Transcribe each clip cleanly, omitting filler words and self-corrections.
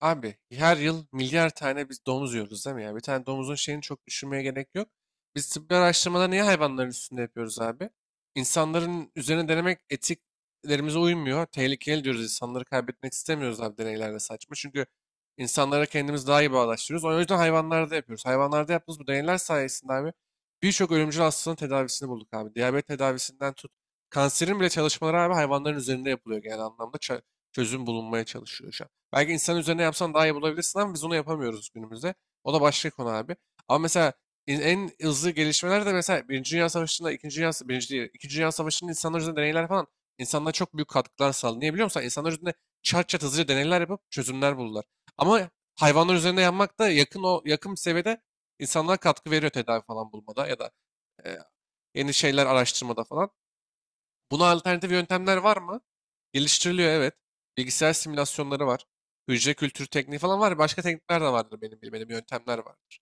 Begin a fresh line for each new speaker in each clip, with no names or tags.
Abi her yıl milyar tane biz domuz yiyoruz, değil mi ya? Bir tane domuzun şeyini çok düşünmeye gerek yok. Biz tıbbi araştırmaları niye hayvanların üstünde yapıyoruz abi? İnsanların üzerine denemek etiklerimize uymuyor. Tehlikeli diyoruz. İnsanları kaybetmek istemiyoruz abi, deneylerde saçma. Çünkü insanlara kendimiz daha iyi bağdaştırıyoruz. O yüzden hayvanlarda yapıyoruz. Hayvanlarda yaptığımız bu deneyler sayesinde abi birçok ölümcül hastalığın tedavisini bulduk abi. Diyabet tedavisinden tut. Kanserin bile çalışmaları abi hayvanların üzerinde yapılıyor genel anlamda. Çözüm bulunmaya çalışıyor şu an. Belki insan üzerine yapsan daha iyi bulabilirsin ama biz onu yapamıyoruz günümüzde. O da başka konu abi. Ama mesela en hızlı gelişmeler de mesela Birinci Dünya Savaşı'nda, İkinci Dünya, Birinci değil, İkinci Dünya Savaşı'nın insanlar üzerinde deneyler falan insanlara çok büyük katkılar sağladı. Niye biliyor musun? İnsanlar üzerinde çat çat hızlıca deneyler yapıp çözümler buldular. Ama hayvanlar üzerinde yapmak da yakın, o yakın seviyede insanlara katkı veriyor tedavi falan bulmada ya da e, yeni şeyler araştırmada falan. Buna alternatif yöntemler var mı? Geliştiriliyor, evet. Bilgisayar simülasyonları var. Hücre kültürü tekniği falan var. Başka teknikler de vardır, benim bilmediğim yöntemler vardır.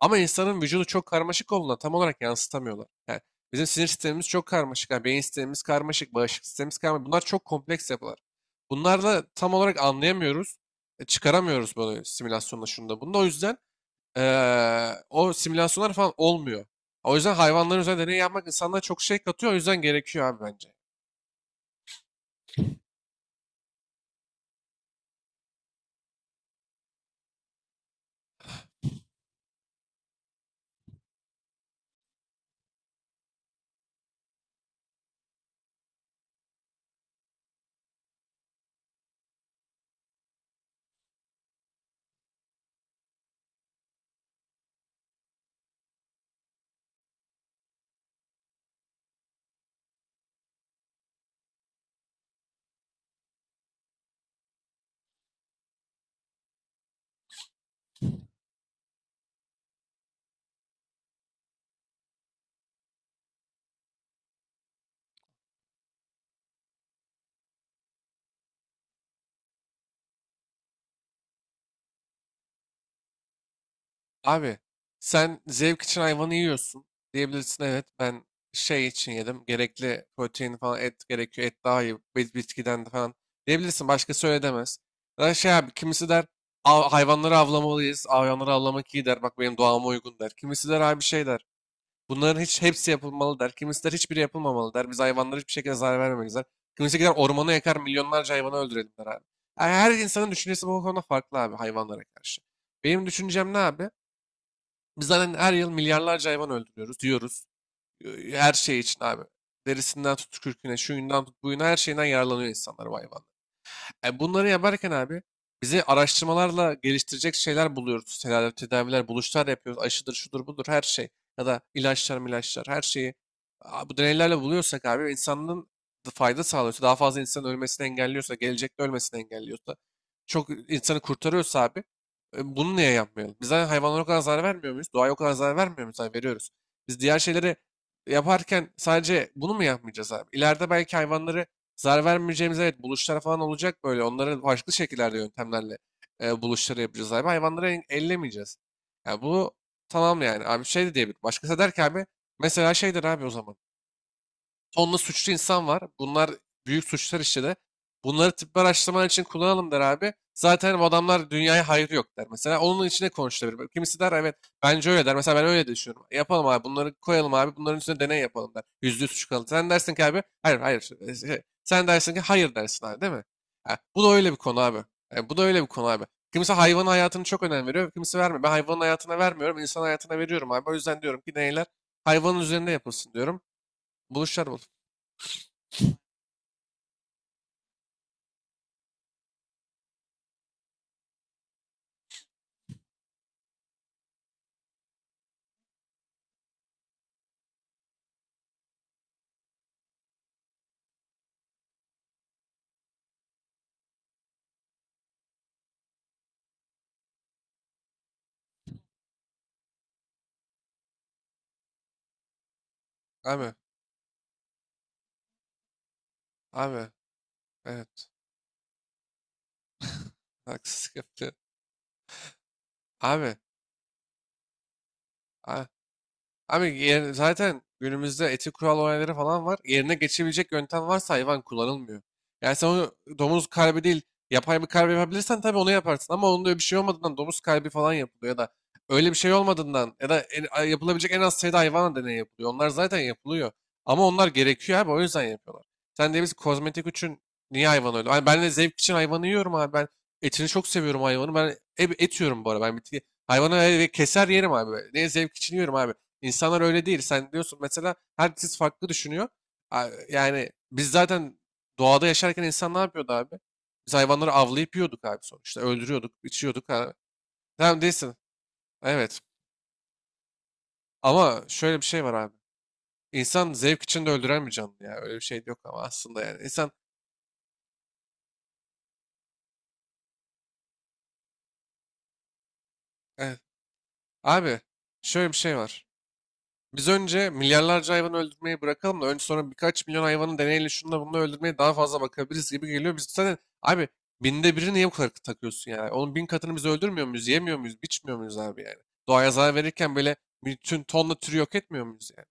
Ama insanın vücudu çok karmaşık olduğuna tam olarak yansıtamıyorlar. Yani bizim sinir sistemimiz çok karmaşık. Yani beyin sistemimiz karmaşık, bağışıklık sistemimiz karmaşık. Bunlar çok kompleks yapılar. Bunlarla tam olarak anlayamıyoruz. Çıkaramıyoruz böyle simülasyonla şunda bunda. O yüzden o simülasyonlar falan olmuyor. O yüzden hayvanların üzerinde deney yapmak insanlara çok şey katıyor. O yüzden gerekiyor abi, bence. Abi sen zevk için hayvanı yiyorsun diyebilirsin, evet ben şey için yedim, gerekli protein falan, et gerekiyor, et daha iyi bitkiden de falan diyebilirsin, başkası öyle demez. Ya da şey abi, kimisi der: Hayvanları avlamalıyız, hayvanları avlamak iyi" der, "bak benim doğama uygun" der. Kimisi der abi şey der, bunların hiç hepsi yapılmalı der. Kimisi der hiçbiri yapılmamalı der, biz hayvanlara hiçbir şekilde zarar vermemeliyiz der. Kimisi gider ormanı yakar, milyonlarca hayvanı öldürelim der abi. Yani her insanın düşüncesi bu konuda farklı abi, hayvanlara karşı. Benim düşüncem ne abi? Biz zaten her yıl milyarlarca hayvan öldürüyoruz diyoruz. Her şey için abi. Derisinden tut kürküne, şuyundan tut buyuna, her şeyinden yararlanıyor insanlar bu hayvan. Bunları yaparken abi bizi araştırmalarla geliştirecek şeyler buluyoruz. Tedavi, tedaviler, buluşlar yapıyoruz. Aşıdır, şudur, budur, her şey. Ya da ilaçlar, ilaçlar, her şeyi bu deneylerle buluyorsak abi, insanın da fayda sağlıyorsa, daha fazla insanın ölmesini engelliyorsa, gelecekte ölmesini engelliyorsa, çok insanı kurtarıyorsa abi bunu niye yapmayalım? Biz zaten hayvanlara o kadar zarar vermiyor muyuz? Doğaya o kadar zarar vermiyor muyuz? Hayır, veriyoruz. Biz diğer şeyleri yaparken sadece bunu mu yapmayacağız abi? İleride belki hayvanları zarar vermeyeceğimiz, evet, buluşlar falan olacak böyle. Onları farklı şekillerde yöntemlerle buluşları yapacağız abi. Hayvanları ellemeyeceğiz. Yani bu, tamam yani abi, şey de diyebilir. Başkası der ki abi, mesela şeydir abi o zaman. Tonla suçlu insan var. Bunlar büyük suçlar işledi. Bunları tıbbi araştırmalar için kullanalım der abi. Zaten hani bu adamlar dünyaya hayrı yok der. Mesela onun içine konuşulabilir. Kimisi der evet, bence öyle der. Mesela ben öyle düşünüyorum. Yapalım abi, bunları koyalım abi, bunların üstüne deney yapalım der. %100 suç kalır. Sen dersin ki abi hayır, hayır. işte, sen dersin ki hayır dersin abi, değil mi? Ha, bu da öyle bir konu abi. Bu da öyle bir konu abi. Kimisi hayvanın hayatını çok önem veriyor. Kimisi vermiyor. Ben hayvanın hayatına vermiyorum. İnsan hayatına veriyorum abi. O yüzden diyorum ki deneyler hayvanın üzerinde yapılsın diyorum. Buluşlar bu. Abi, abi, evet. Haksızlık yaptı. Abi, abi. Abi zaten günümüzde etik kural olayları falan var. Yerine geçebilecek yöntem varsa hayvan kullanılmıyor. Yani sen onu domuz kalbi değil yapay bir kalbi yapabilirsen tabii onu yaparsın. Ama onun öyle bir şey olmadığından domuz kalbi falan yapılıyor, ya da öyle bir şey olmadığından ya da yapılabilecek en az sayıda hayvan deneyi yapılıyor. Onlar zaten yapılıyor. Ama onlar gerekiyor abi, o yüzden yapıyorlar. Sen de biz kozmetik için niye hayvan öyle? Ay ben de zevk için hayvanı yiyorum abi. Ben etini çok seviyorum hayvanı. Ben et yiyorum bu arada. Ben bitki, hayvanı keser yerim abi. Ne zevk için yiyorum abi. İnsanlar öyle değil. Sen diyorsun mesela, herkes farklı düşünüyor. Yani biz zaten doğada yaşarken insan ne yapıyordu abi? Biz hayvanları avlayıp yiyorduk abi sonuçta. Öldürüyorduk, içiyorduk abi. Tamam değilsin. Evet. Ama şöyle bir şey var abi. İnsan zevk için de öldüren bir canlı ya. Öyle bir şey de yok ama aslında yani. İnsan... Evet. Abi şöyle bir şey var. Biz önce milyarlarca hayvan öldürmeyi bırakalım da önce sonra birkaç milyon hayvanın deneyle şununla bununla öldürmeye daha fazla bakabiliriz gibi geliyor. Biz zaten abi binde biri, niye bu kadar takıyorsun yani? Onun bin katını biz öldürmüyor muyuz, yemiyor muyuz, biçmiyor muyuz abi yani? Doğaya zarar verirken böyle bütün tonla türü yok etmiyor muyuz yani?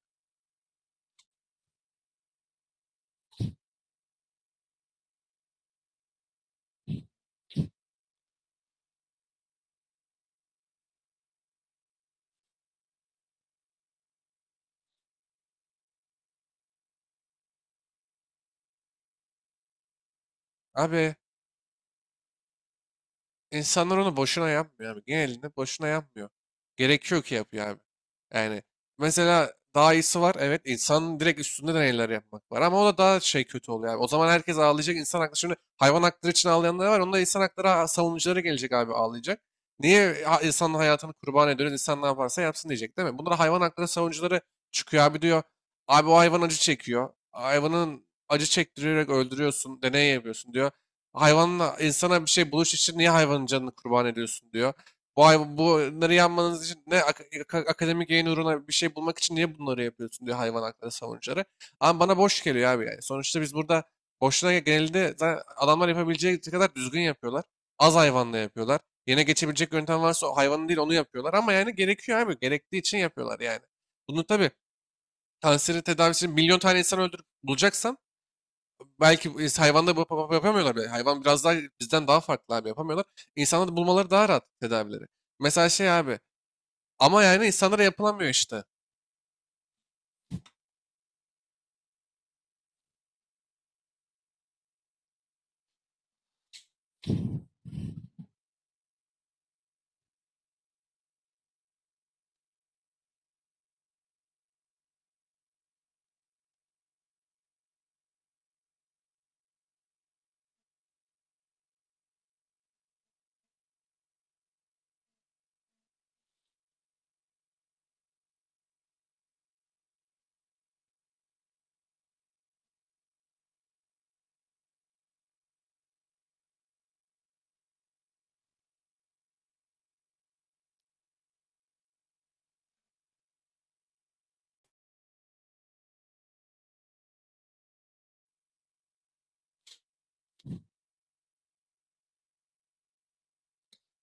Abi İnsanlar onu boşuna yapmıyor abi. Genelinde boşuna yapmıyor. Gerekiyor ki yapıyor abi. Yani mesela daha iyisi var. Evet, insanın direkt üstünde deneyler yapmak var. Ama o da daha şey, kötü oluyor abi. O zaman herkes ağlayacak. İnsan hakları, şimdi hayvan hakları için ağlayanlar var. Onda insan hakları savunucuları gelecek abi, ağlayacak. Niye insanın hayatını kurban ediyoruz? İnsan ne yaparsa yapsın diyecek, değil mi? Bunlara hayvan hakları savunucuları çıkıyor abi, diyor. Abi o hayvan acı çekiyor. Hayvanın acı çektirerek öldürüyorsun. Deney yapıyorsun diyor. Hayvanla insana bir şey buluş için niye hayvanın canını kurban ediyorsun diyor. Bu hayvan, bunları yanmanız için ne akademik yayın uğruna bir şey bulmak için niye bunları yapıyorsun diyor hayvan hakları savunucuları. Ama bana boş geliyor abi yani. Sonuçta biz burada boşuna, genelde zaten adamlar yapabileceği kadar düzgün yapıyorlar. Az hayvanla yapıyorlar. Yine geçebilecek yöntem varsa o hayvanın değil, onu yapıyorlar. Ama yani gerekiyor abi. Gerektiği için yapıyorlar yani. Bunu tabii kanseri tedavisi milyon tane insan öldürüp bulacaksan, belki hayvanda yapamıyorlar bile. Hayvan biraz daha bizden daha farklı abi, yapamıyorlar. İnsanlarda bulmaları daha rahat tedavileri. Mesela şey abi, ama yani insanlara yapılamıyor işte.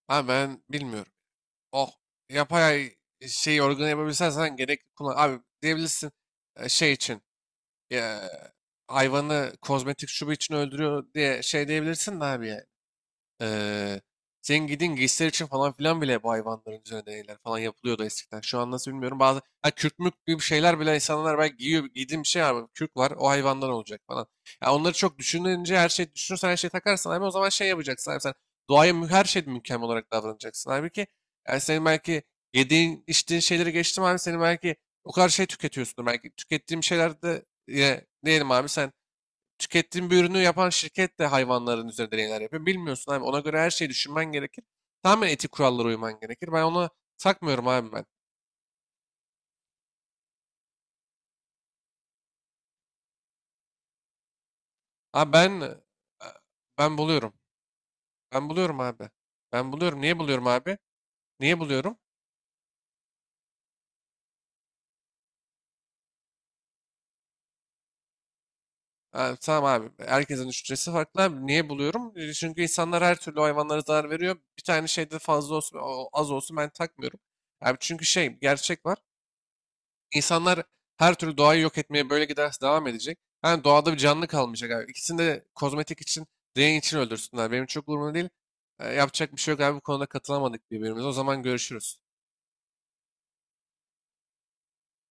Ha, ben bilmiyorum. Oh, yapay şey, organı yapabilsen sen gerek kullan. Abi diyebilirsin şey için, e, hayvanı kozmetik şubu için öldürüyor diye şey diyebilirsin de abi ya. Eee senin giydiğin giysiler için falan filan bile bu hayvanların üzerine deneyler falan yapılıyordu eskiden. Şu an nasıl bilmiyorum. Bazı kürk mürk gibi şeyler bile insanlar belki giyiyor. Giydiğim bir şey var. Kürk var. O hayvandan olacak falan. Ya onları çok düşününce, her şey düşünürsen, her şeyi takarsan abi, o zaman şey yapacaksın abi, sen doğaya her şeyde mükemmel olarak davranacaksın. Halbuki yani senin belki yediğin içtiğin şeyleri geçtim abi, senin belki o kadar şey tüketiyorsundur. Belki tükettiğim şeylerde yine diyelim abi, sen tükettiğin bir ürünü yapan şirket de hayvanların üzerinde deneyler yapıyor. Bilmiyorsun abi. Ona göre her şeyi düşünmen gerekir. Tamamen etik kurallara uyman gerekir. Ben ona takmıyorum abi, ben. Abi ben ben buluyorum. Ben buluyorum abi. Ben buluyorum. Niye buluyorum abi? Niye buluyorum? Ha, tamam abi. Herkesin düşüncesi farklı abi. Niye buluyorum? E, çünkü insanlar her türlü hayvanlara zarar veriyor. Bir tane şeyde fazla olsun, az olsun, ben takmıyorum. Abi çünkü şey gerçek var. İnsanlar her türlü doğayı yok etmeye böyle giderse devam edecek. Yani doğada bir canlı kalmayacak abi. İkisini de kozmetik için, deney için öldürsünler. Benim çok umurumda değil. E, yapacak bir şey yok abi. Bu konuda katılamadık birbirimize. O zaman görüşürüz.